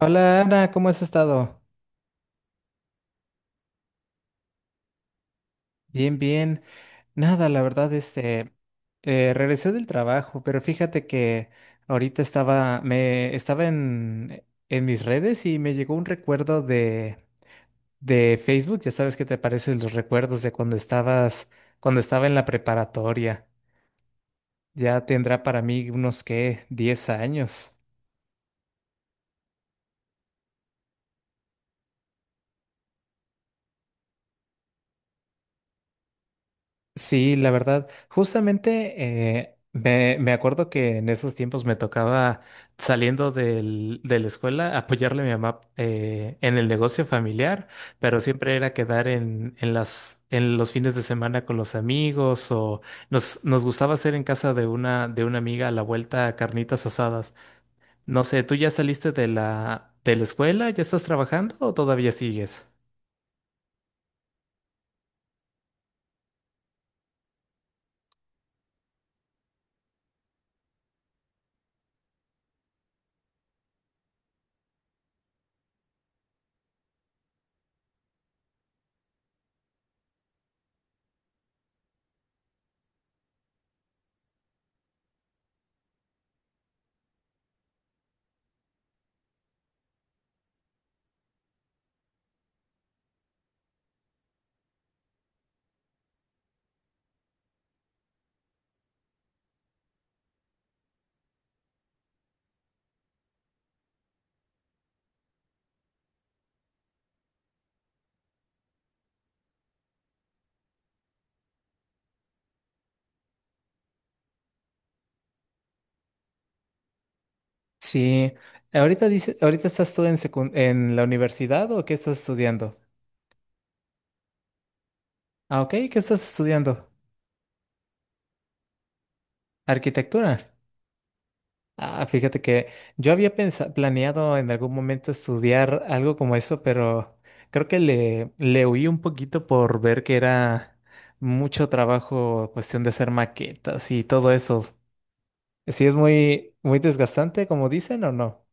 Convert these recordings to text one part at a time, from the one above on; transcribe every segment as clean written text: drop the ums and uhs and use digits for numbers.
Hola Ana, ¿cómo has estado? Bien, bien. Nada, la verdad, este, regresé del trabajo, pero fíjate que ahorita me estaba en mis redes y me llegó un recuerdo de Facebook. Ya sabes qué te parecen los recuerdos de cuando cuando estaba en la preparatoria. Ya tendrá para mí unos, ¿qué? 10 años. Sí, la verdad, justamente me acuerdo que en esos tiempos me tocaba saliendo de la escuela apoyarle a mi mamá, en el negocio familiar, pero siempre era quedar en los fines de semana con los amigos, o nos gustaba hacer en casa de una amiga a la vuelta carnitas asadas. No sé, ¿tú ya saliste de la escuela? ¿Ya estás trabajando o todavía sigues? Sí, ahorita ahorita estás tú en en la universidad, ¿o qué estás estudiando? Ah, ok, ¿qué estás estudiando? Arquitectura. Ah, fíjate que yo había planeado en algún momento estudiar algo como eso, pero creo que le huí un poquito por ver que era mucho trabajo, cuestión de hacer maquetas y todo eso. ¿Sí es muy, muy desgastante, como dicen, o no?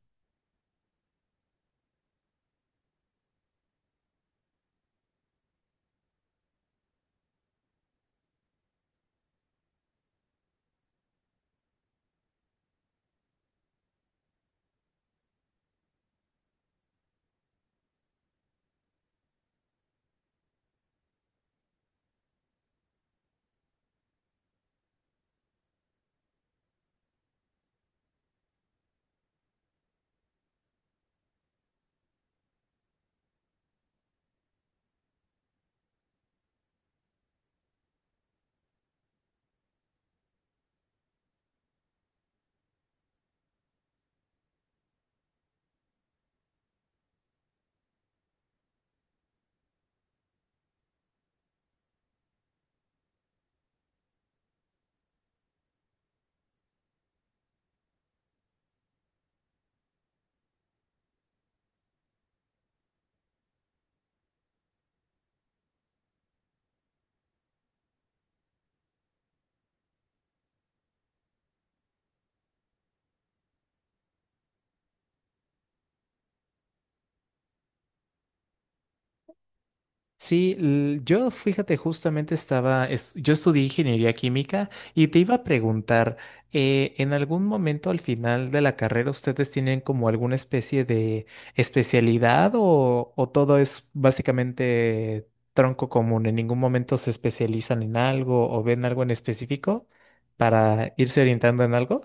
Sí, yo fíjate, justamente yo estudié ingeniería química y te iba a preguntar, ¿en algún momento al final de la carrera ustedes tienen como alguna especie de especialidad o todo es básicamente tronco común? ¿En ningún momento se especializan en algo o ven algo en específico para irse orientando en algo?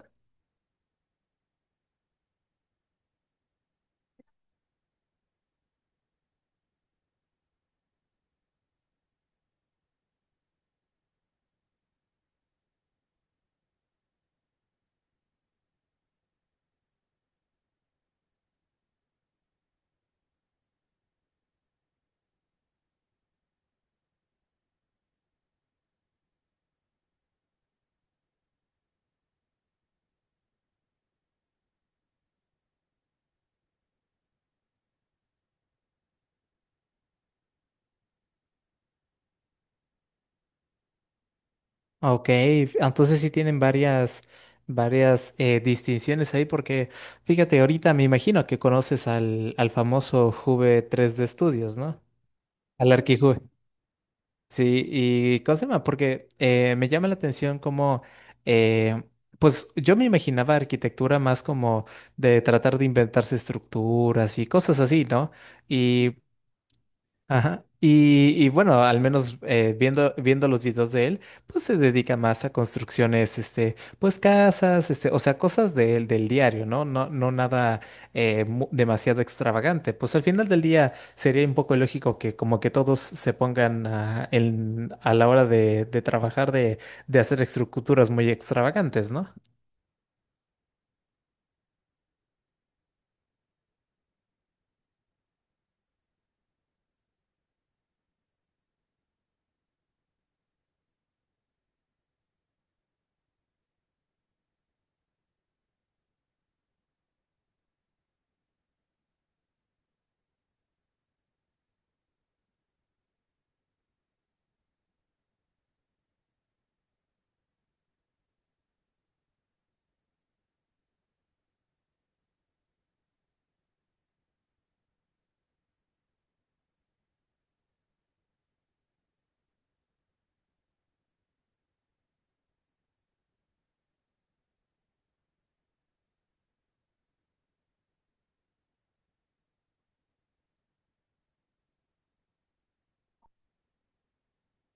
Ok, entonces sí tienen varias distinciones ahí porque fíjate, ahorita me imagino que conoces al famoso Juve 3D Studios, ¿no? Al Arquijuve. Sí, y ¿cómo se llama? Porque me llama la atención como, eh, pues yo me imaginaba arquitectura más como de tratar de inventarse estructuras y cosas así, ¿no? Y ajá. Y bueno, al menos, viendo los videos de él, pues se dedica más a construcciones, este, pues casas, este, o sea, cosas del diario, ¿no? No, no nada demasiado extravagante. Pues al final del día sería un poco ilógico que como que todos se pongan a la hora de trabajar, de hacer estructuras muy extravagantes, ¿no?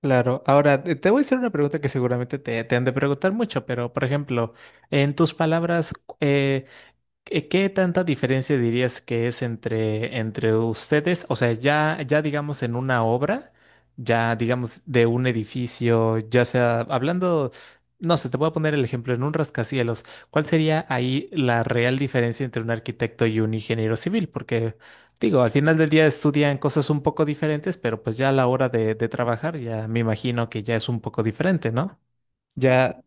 Claro. Ahora, te voy a hacer una pregunta que seguramente te han de preguntar mucho, pero por ejemplo, en tus palabras, ¿Qué tanta diferencia dirías que es entre, entre ustedes? O sea, ya digamos en una obra, ya digamos de un edificio, ya sea hablando, no sé, te voy a poner el ejemplo en un rascacielos. ¿Cuál sería ahí la real diferencia entre un arquitecto y un ingeniero civil? Porque digo, al final del día estudian cosas un poco diferentes, pero pues ya a la hora de trabajar ya me imagino que ya es un poco diferente, ¿no? Ya.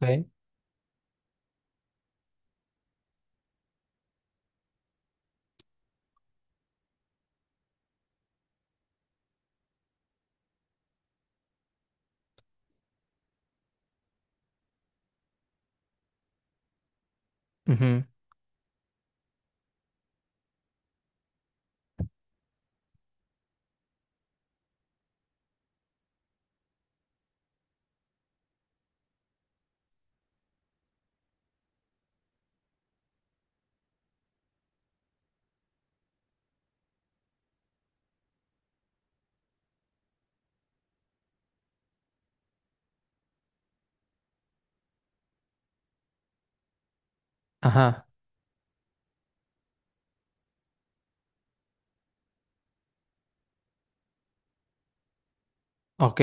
Ok. Ujú. Ajá, ok.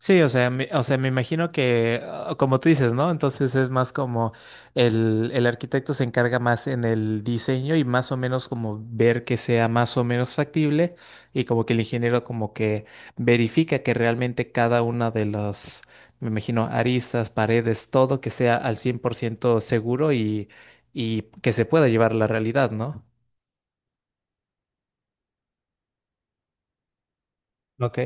Sí, o sea, o sea, me imagino que, ah, como tú dices, ¿no? Entonces es más como el arquitecto se encarga más en el diseño y más o menos como ver que sea más o menos factible, y como que el ingeniero como que verifica que realmente cada una de las, me imagino, aristas, paredes, todo que sea al 100% seguro, y que se pueda llevar a la realidad, ¿no? Ok.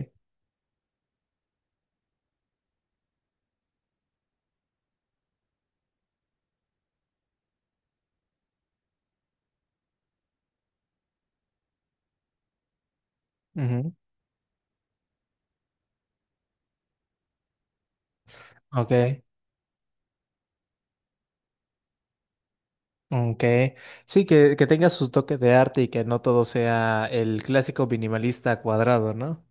Ujú. Ok. Ok, sí, que tenga su toque de arte y que no todo sea el clásico minimalista cuadrado, ¿no?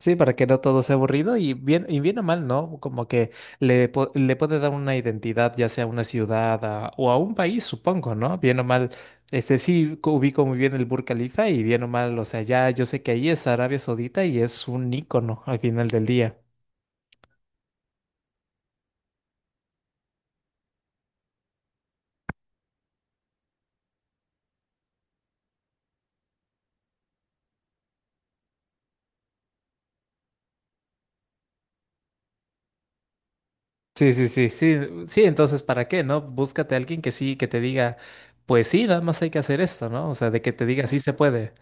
Sí, para que no todo sea aburrido y bien o mal, ¿no? Como que le puede dar una identidad, ya sea a una ciudad o a un país, supongo, ¿no? Bien o mal, este sí ubico muy bien el Burj Khalifa, y bien o mal, o sea, ya yo sé que ahí es Arabia Saudita y es un ícono al final del día. Sí, sí, sí, sí, sí, entonces ¿para qué, no? Búscate a alguien que sí, que te diga, pues sí, nada más hay que hacer esto, ¿no? O sea, de que te diga sí se puede.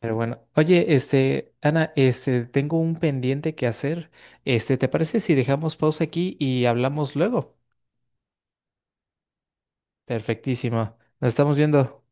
Pero bueno, oye, este, Ana, este, tengo un pendiente que hacer. Este, ¿te parece si dejamos pausa aquí y hablamos luego? Perfectísimo. Nos estamos viendo.